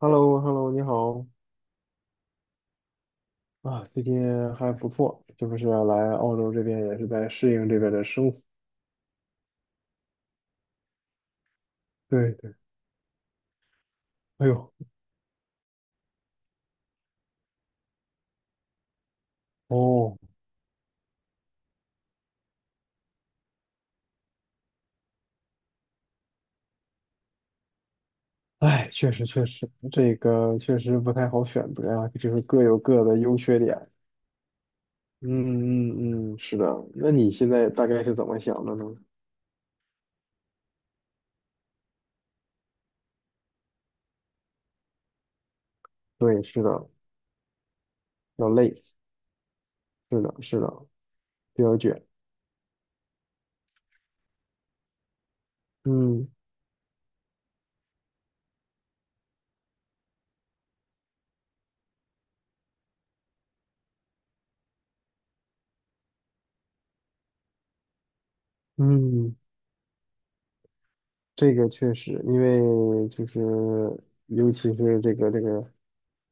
h e l l o h e l l o 你好啊，最近还不错，这不是来澳洲这边也是在适应这边的生活。对对，哎呦，哦，哎，确实确实，这个确实不太好选择呀，就是各有各的优缺点。嗯嗯嗯，是的。那你现在大概是怎么想的呢？对，是的，要累，是的，是的，比较卷。嗯嗯，这个确实，因为就是尤其是这个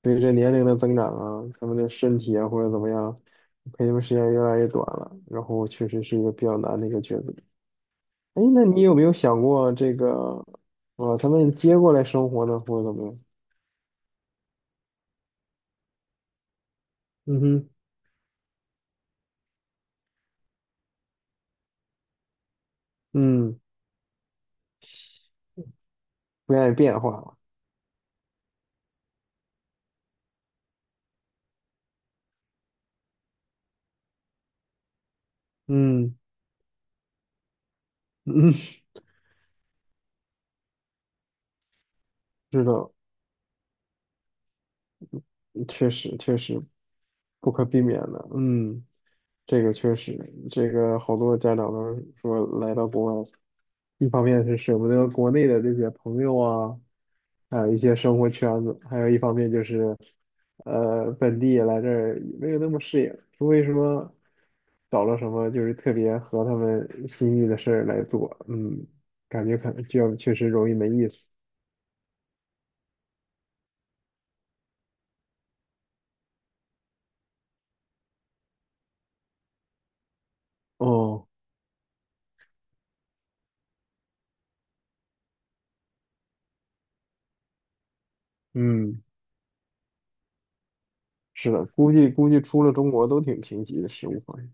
随着年龄的增长啊，他们的身体啊或者怎么样，陪他们时间越来越短了，然后确实是一个比较难的一个抉择。哎，那你有没有想过这个，把他们接过来生活呢，或者怎么样？嗯哼，嗯，不愿意变化了，嗯嗯，是的，确实确实不可避免的，嗯，这个确实，这个好多家长都说来到国外。一方面是舍不得国内的这些朋友啊，还有一些生活圈子，还有一方面就是，本地来这儿也没有那么适应，除非说找了什么就是特别合他们心意的事儿来做，嗯，感觉可能就确实容易没意思。哦，嗯，是的，估计出了中国都挺贫瘠的食物方面。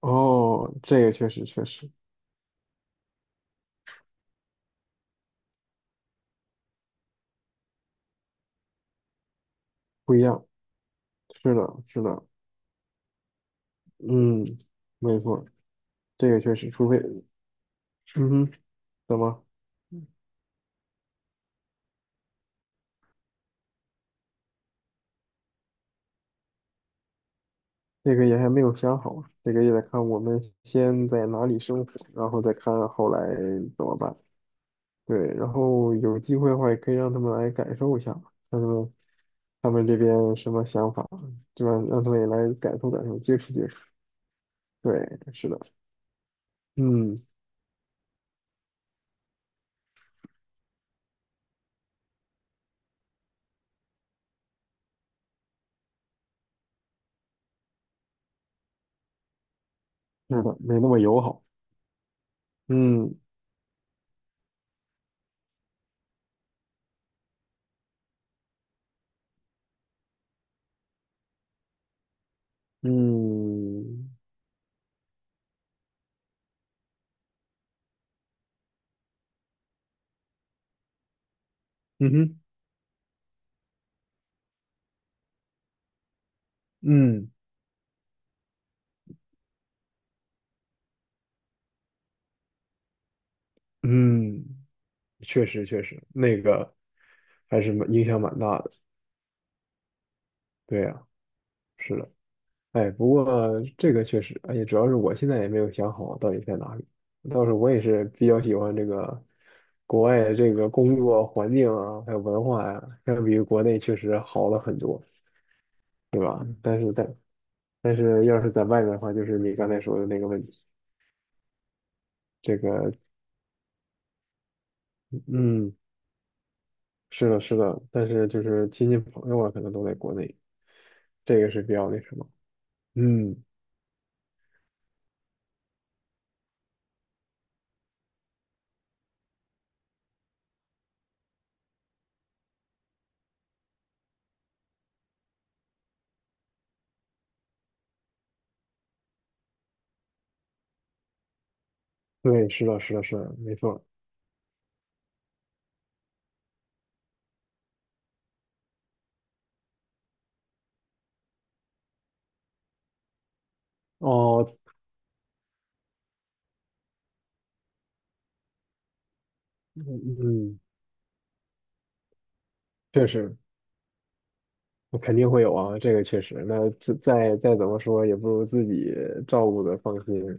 哦，这个确实确实不一样，是的，是的，嗯，没错，这个确实，除非，嗯哼。怎么？嗯，这个也还没有想好，这个也得看我们先在哪里生活，然后再看后来怎么办。对，然后有机会的话，也可以让他们来感受一下，看他们他们这边什么想法，就让他们也来感受感受，接触接触。对，是的，嗯，是的，没那么友好。嗯嗯嗯哼，嗯嗯，确实确实，那个还是蛮影响蛮大的。对呀，是的。哎，不过这个确实，而且主要是我现在也没有想好到底在哪里。倒是我也是比较喜欢这个国外的这个工作环境啊，还有文化呀、相比于国内确实好了很多，对吧？但是要是在外面的话，就是你刚才说的那个问题，这个嗯，是的，是的，但是就是亲戚朋友啊，可能都在国内，这个是比较那什么。嗯，对，是的，是的，是的，没错。哦，嗯，嗯确实。那肯定会有啊，这个确实。那再怎么说，也不如自己照顾的放心，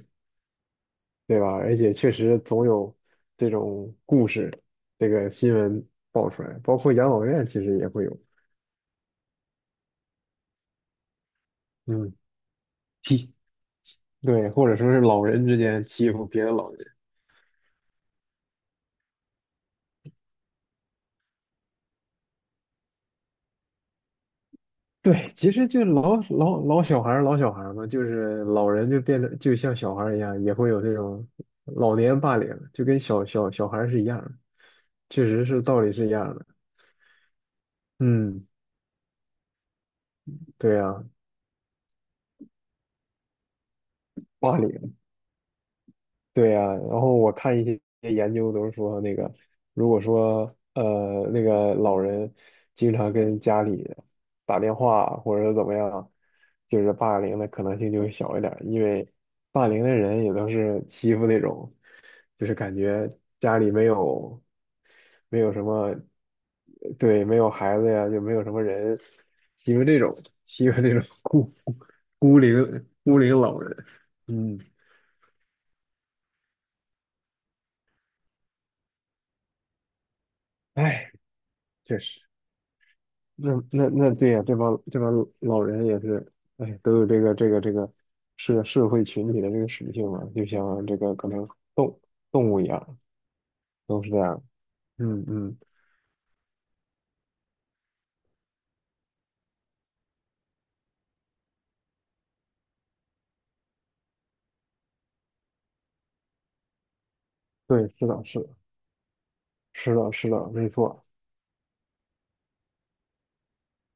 对吧？而且确实总有这种故事，这个新闻爆出来，包括养老院其实也会有，嗯，欺，对，或者说是老人之间欺负别的老人。对，其实就老小孩儿老小孩儿嘛，就是老人就变得就像小孩儿一样，也会有这种老年霸凌，就跟小孩儿是一样的，确实是道理是一样的。嗯，对呀、霸凌，对呀，然后我看一些研究都是说，那个如果说那个老人经常跟家里打电话或者怎么样，就是霸凌的可能性就会小一点儿因为霸凌的人也都是欺负那种，就是感觉家里没有什么，对，没有孩子呀，就没有什么人欺负这种欺负这种孤零孤零老人，嗯。哎，唉确实，那对呀、这帮老人也是，哎，都有这个社会群体的这个属性嘛，就像这个可能动动物一样，都是这样。嗯嗯，对，是的，是的，是的，是的，没错。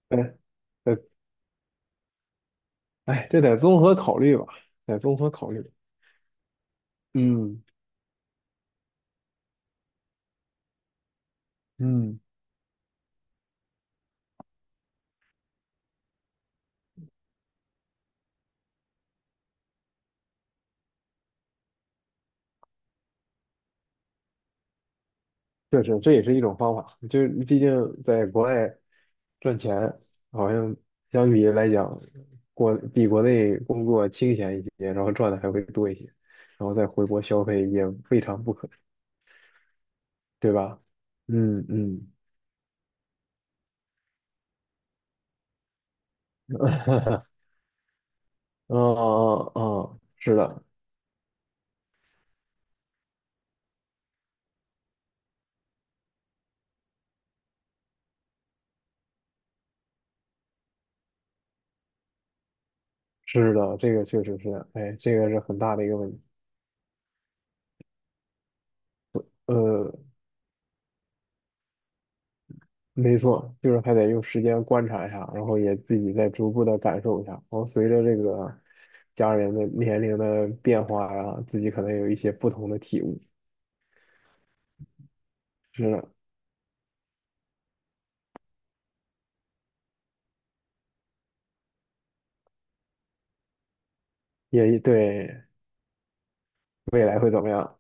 哎，哎，哎，这得综合考虑吧，得综合考虑。嗯嗯，确实，这也是一种方法。就毕竟在国外，赚钱好像相比来讲，比国内工作清闲一些，然后赚的还会多一些，然后再回国消费也未尝不可，对吧？嗯嗯，啊啊啊，是的，是的，这个确实是，哎，这个是很大的一个问题。呃，没错，就是还得用时间观察一下，然后也自己再逐步的感受一下。然后随着这个家人的年龄的变化呀，自己可能有一些不同的体悟。是的，也对，未来会怎么样？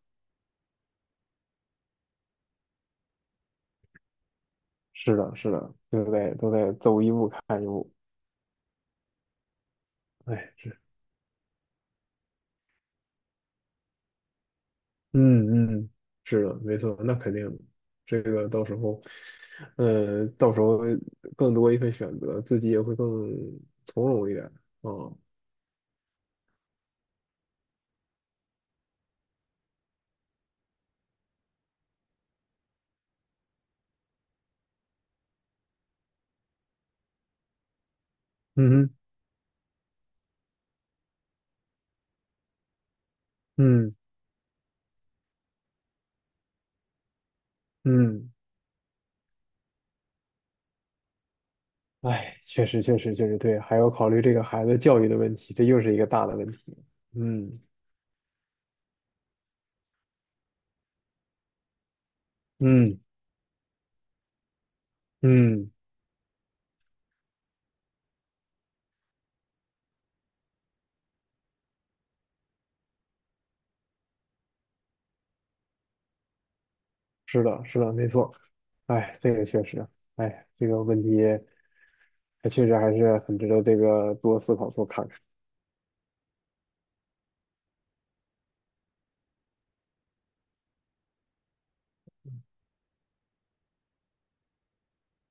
是的，是的，对不对？都在走一步看一步。哎，是，嗯嗯，是的，没错，那肯定的这个到时候更多一份选择，自己也会更从容一点。嗯嗯嗯嗯，哎，确实确实确实对，还要考虑这个孩子教育的问题，这又是一个大的问题。嗯嗯嗯，是的，是的，没错。哎，这个确实，哎，这个问题。它确实还是很值得这个多思考、多看看。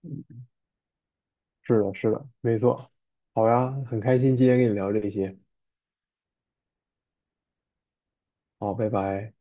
嗯是的，是的，没错。好呀，很开心今天跟你聊这些。好，拜拜。